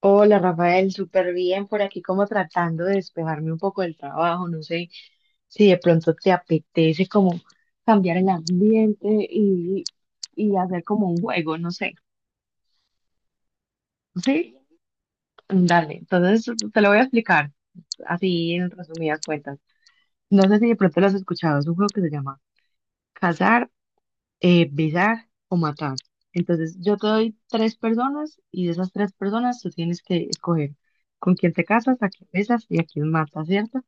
Hola Rafael, súper bien por aquí, como tratando de despejarme un poco del trabajo. No sé si de pronto te apetece como cambiar el ambiente y, hacer como un juego, no sé, ¿sí? Dale, entonces te lo voy a explicar así, en resumidas cuentas. No sé si de pronto lo has escuchado, es un juego que se llama Cazar, Besar o Matar. Entonces yo te doy tres personas y de esas tres personas tú tienes que escoger con quién te casas, a quién besas y a quién matas, ¿cierto?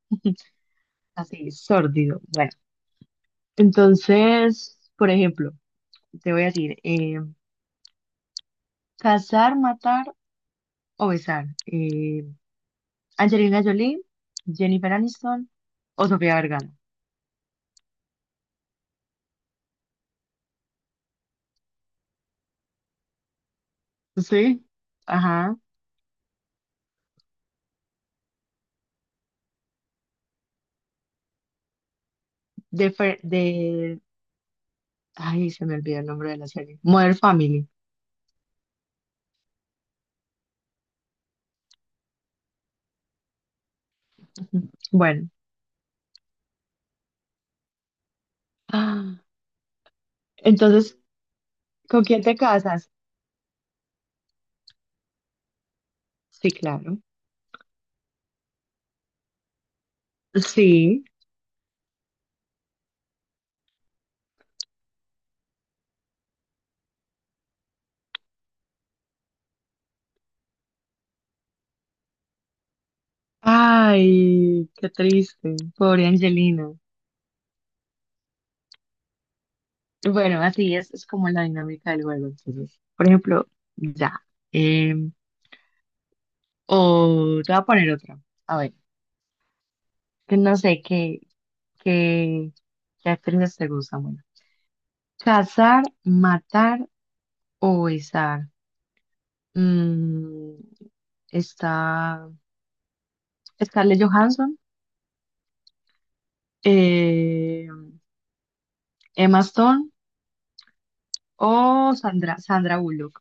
Así, sórdido. Bueno, entonces, por ejemplo, te voy a decir, casar, matar o besar. Angelina Jolie, Jennifer Aniston o Sofía Vergara. Sí. Ajá. De, Fer- de... Ay, se me olvidó el nombre de la serie. Modern Family. Bueno. Ah, entonces, ¿con quién te casas? Sí, claro. Sí. Ay, qué triste. Pobre Angelina. Bueno, así es como la dinámica del juego. Entonces, por ejemplo, ya. em, o te voy a poner otra. A ver, que no sé qué, qué actrices te gustan. Bueno, cazar, matar o besar. Mm, está Scarlett Johansson, eh, Emma Stone o Sandra Bullock.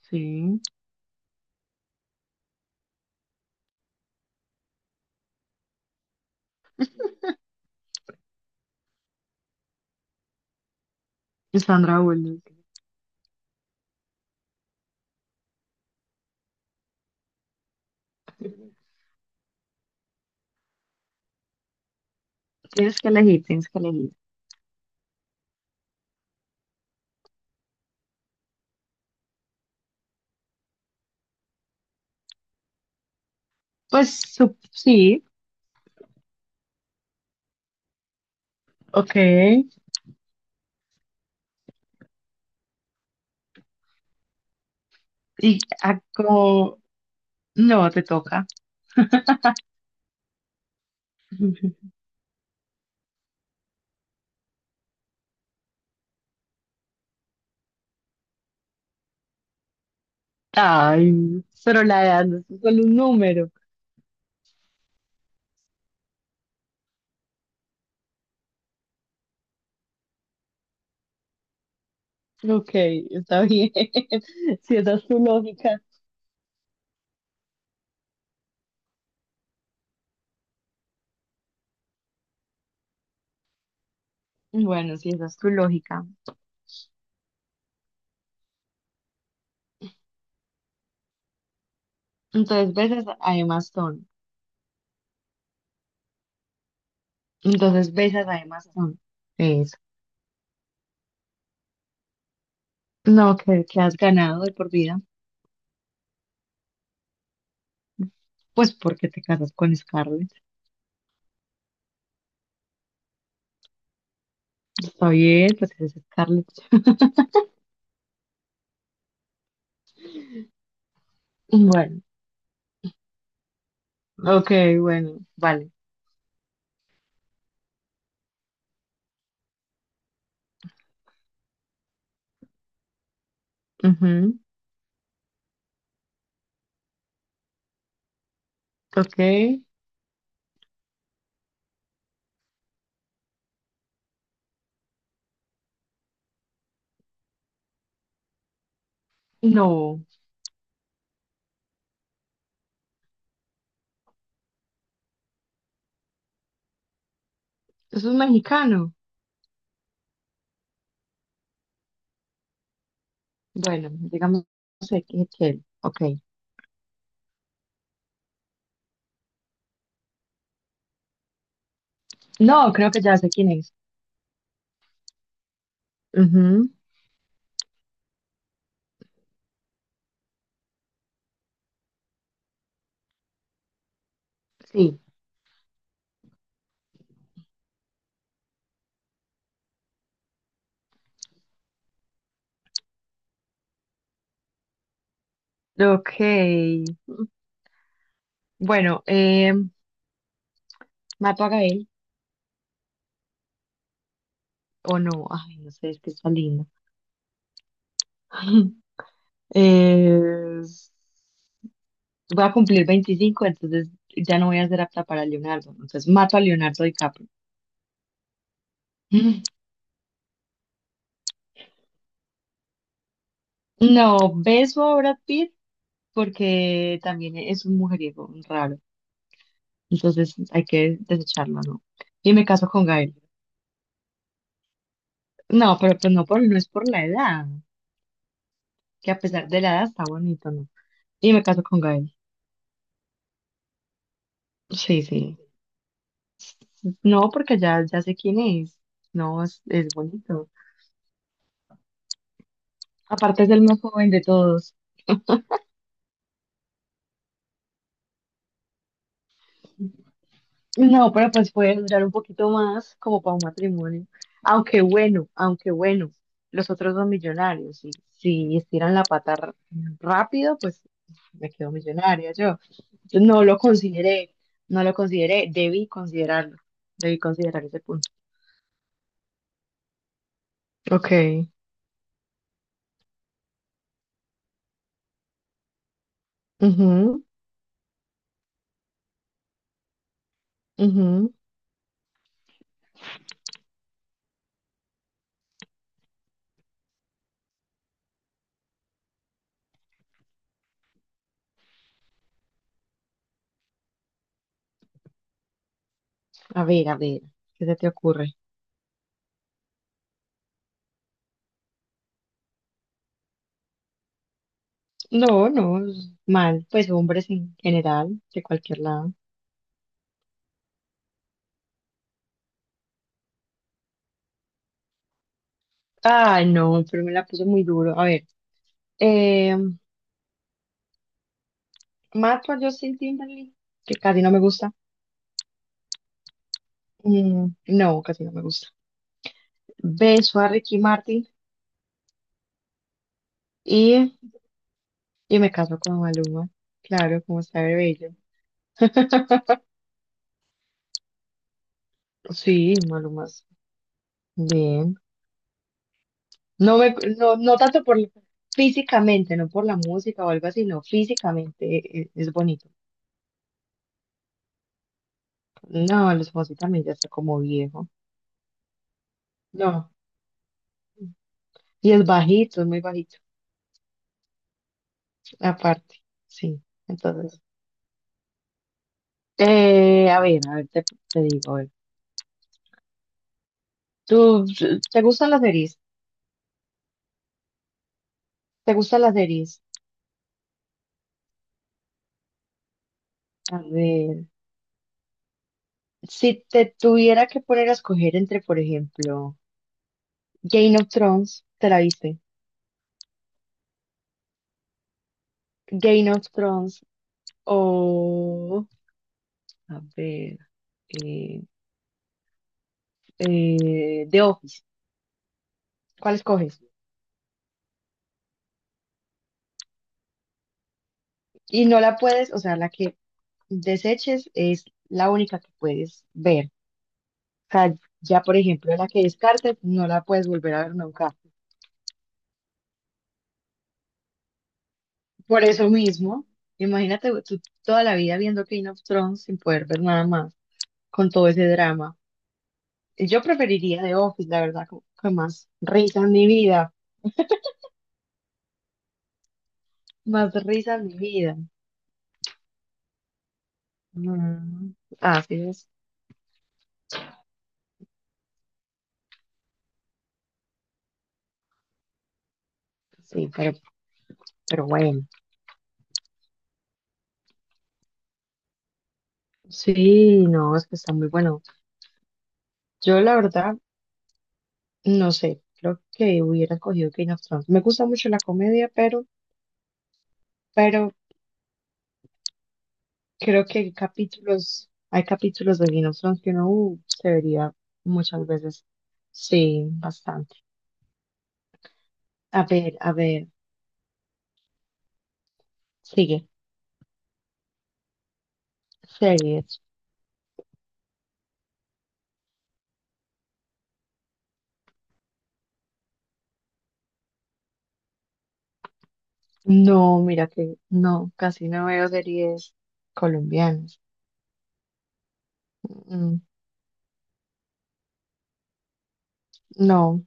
Sí, Sandra Bullock. Tienes que elegir, tienes que elegir. Pues sí, ok. Y a- como, no, te toca. Ay, pero la edad no es solo un número. Ok, está bien. Si esa es tu lógica. Bueno, si esa es tu lógica. Entonces besas a Emma Stone. Entonces besas a Emma Stone. Eso. No, que, has ganado de por vida. Pues porque te casas con Scarlett. Está bien, pues eres Scarlett. Bueno, ok, bueno, vale. Ujú, ok. No, eso es mexicano. Bueno, digamos Excel. Ok. No, creo que ya sé quién es. Ujú. Sí. Ok. Bueno, ¿mato a Gael o no? Ay, no sé, es que está lindo. Es- Voy a cumplir 25, entonces ya no voy a ser apta para Leonardo. Entonces mato a Leonardo DiCaprio. Mm. No, beso a Brad Pitt porque también es un mujeriego raro. Entonces hay que desecharlo, ¿no? Y me caso con Gael. No, pero pues no, por, no es por la edad, que a pesar de la edad está bonito, ¿no? Y me caso con Gael. Sí, sí. No, porque ya sé quién es. No, es bonito. Aparte es el más joven de todos. No, pero pues puede durar un poquito más, como para un matrimonio. Aunque bueno, los otros dos millonarios. Y si estiran la pata rápido, pues me quedo millonaria yo. Yo no lo consideré, Debí considerarlo, debí considerar ese punto. Ok. Ujú, ujú. A ver, ¿qué se te ocurre? No, no, es mal, pues hombres en general, de cualquier lado. Ay, no, pero me la puso muy duro. A ver, eh, mato a Justin Timberlake, que casi no me gusta. Mm, no, casi no me gusta. Beso a Ricky Martin y, me caso con Maluma. Claro, como está de bello. Sí, Maluma, es bien. No tanto por físicamente, no por la música o algo así, no, físicamente es, bonito. No, los Fonsi también ya está como viejo. No. Y es bajito, es muy bajito. Aparte, sí. Entonces, eh, a ver, a ver, te, te digo, a ver. ¿Tú, ¿te gustan las series? ¿Te gustan las series? A ver, si te tuviera que poner a escoger entre, por ejemplo, Game of Thrones, ¿te la viste? Game of Thrones o, a ver, eh, The Office. ¿Cuál escoges? Y no la puedes, o sea, la que deseches es la única que puedes ver. O sea, ya, por ejemplo, la que descartes no la puedes volver a ver nunca. Por eso mismo, imagínate tú toda la vida viendo King of Thrones sin poder ver nada más, con todo ese drama. Yo preferiría The Office, la verdad, como que más risa en mi vida, más risa en mi vida. Mm, así es, sí, pero, bueno. Sí, no, es que está muy bueno. Yo la verdad, no sé, creo que hubiera cogido Game of Thrones. Me gusta mucho la comedia, pero, pero creo que hay capítulos, de Game of Thrones que uno se vería muchas veces. Sí, bastante. A ver, sigue. Series. No, mira que no, casi no veo series colombianas. Mm, mm, no,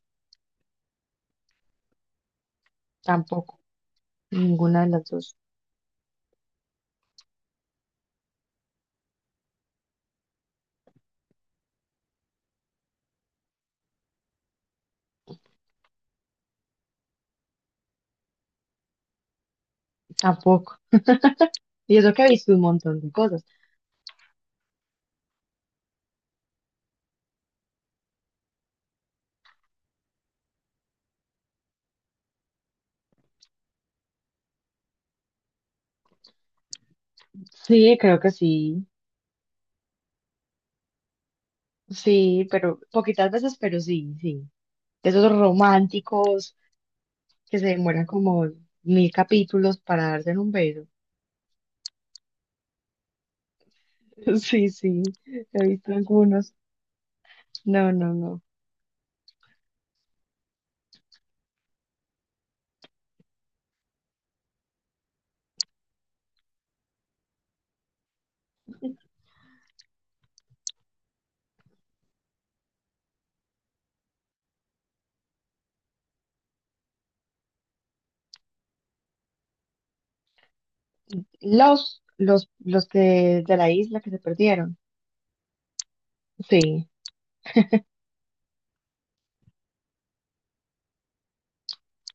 tampoco. Ninguna de las dos. Tampoco. Y eso que he visto un montón de cosas. Sí, creo que sí. Sí, pero poquitas veces, pero sí, sí. De esos románticos que se demoran como 1000 capítulos para darse en un beso. Sí, sí, he visto algunos. No, no, no. Los que de la isla que se perdieron. Sí,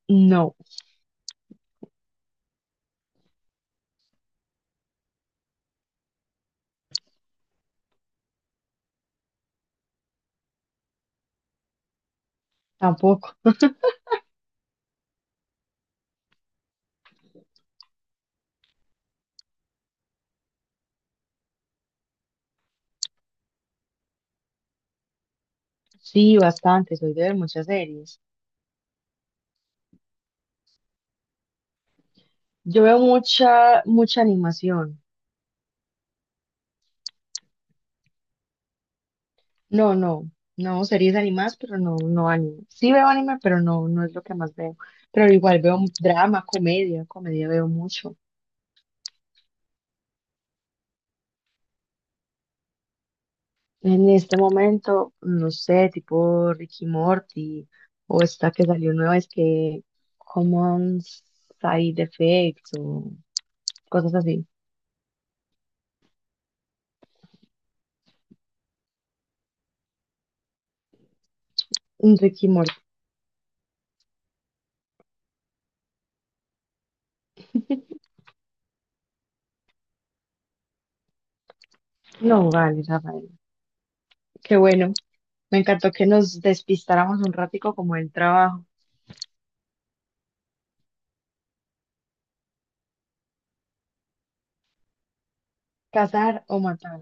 no, tampoco. Sí, bastante, soy de ver muchas series. Yo veo mucha animación. No, no, no, series animadas, pero no, no anime. Sí veo anime, pero no, no es lo que más veo. Pero igual veo drama, comedia veo mucho. En este momento, no sé, tipo Ricky Morty, o esta que salió nueva, es que Common Side Effects, o cosas así. Un Ricky Morty. No, vale, Rafael. Qué bueno. Me encantó que nos despistáramos un ratico como el trabajo. Cazar o matar.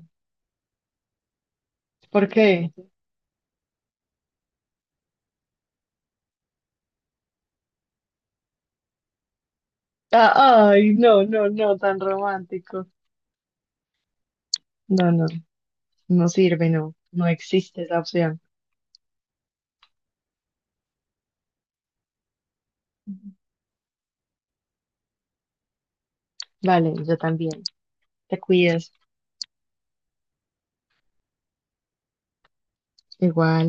¿Por qué? Ah, ay, no, no, no, tan romántico. No, no, no sirve, no, no existe esa opción. Vale, yo también. Te cuidas. Igual.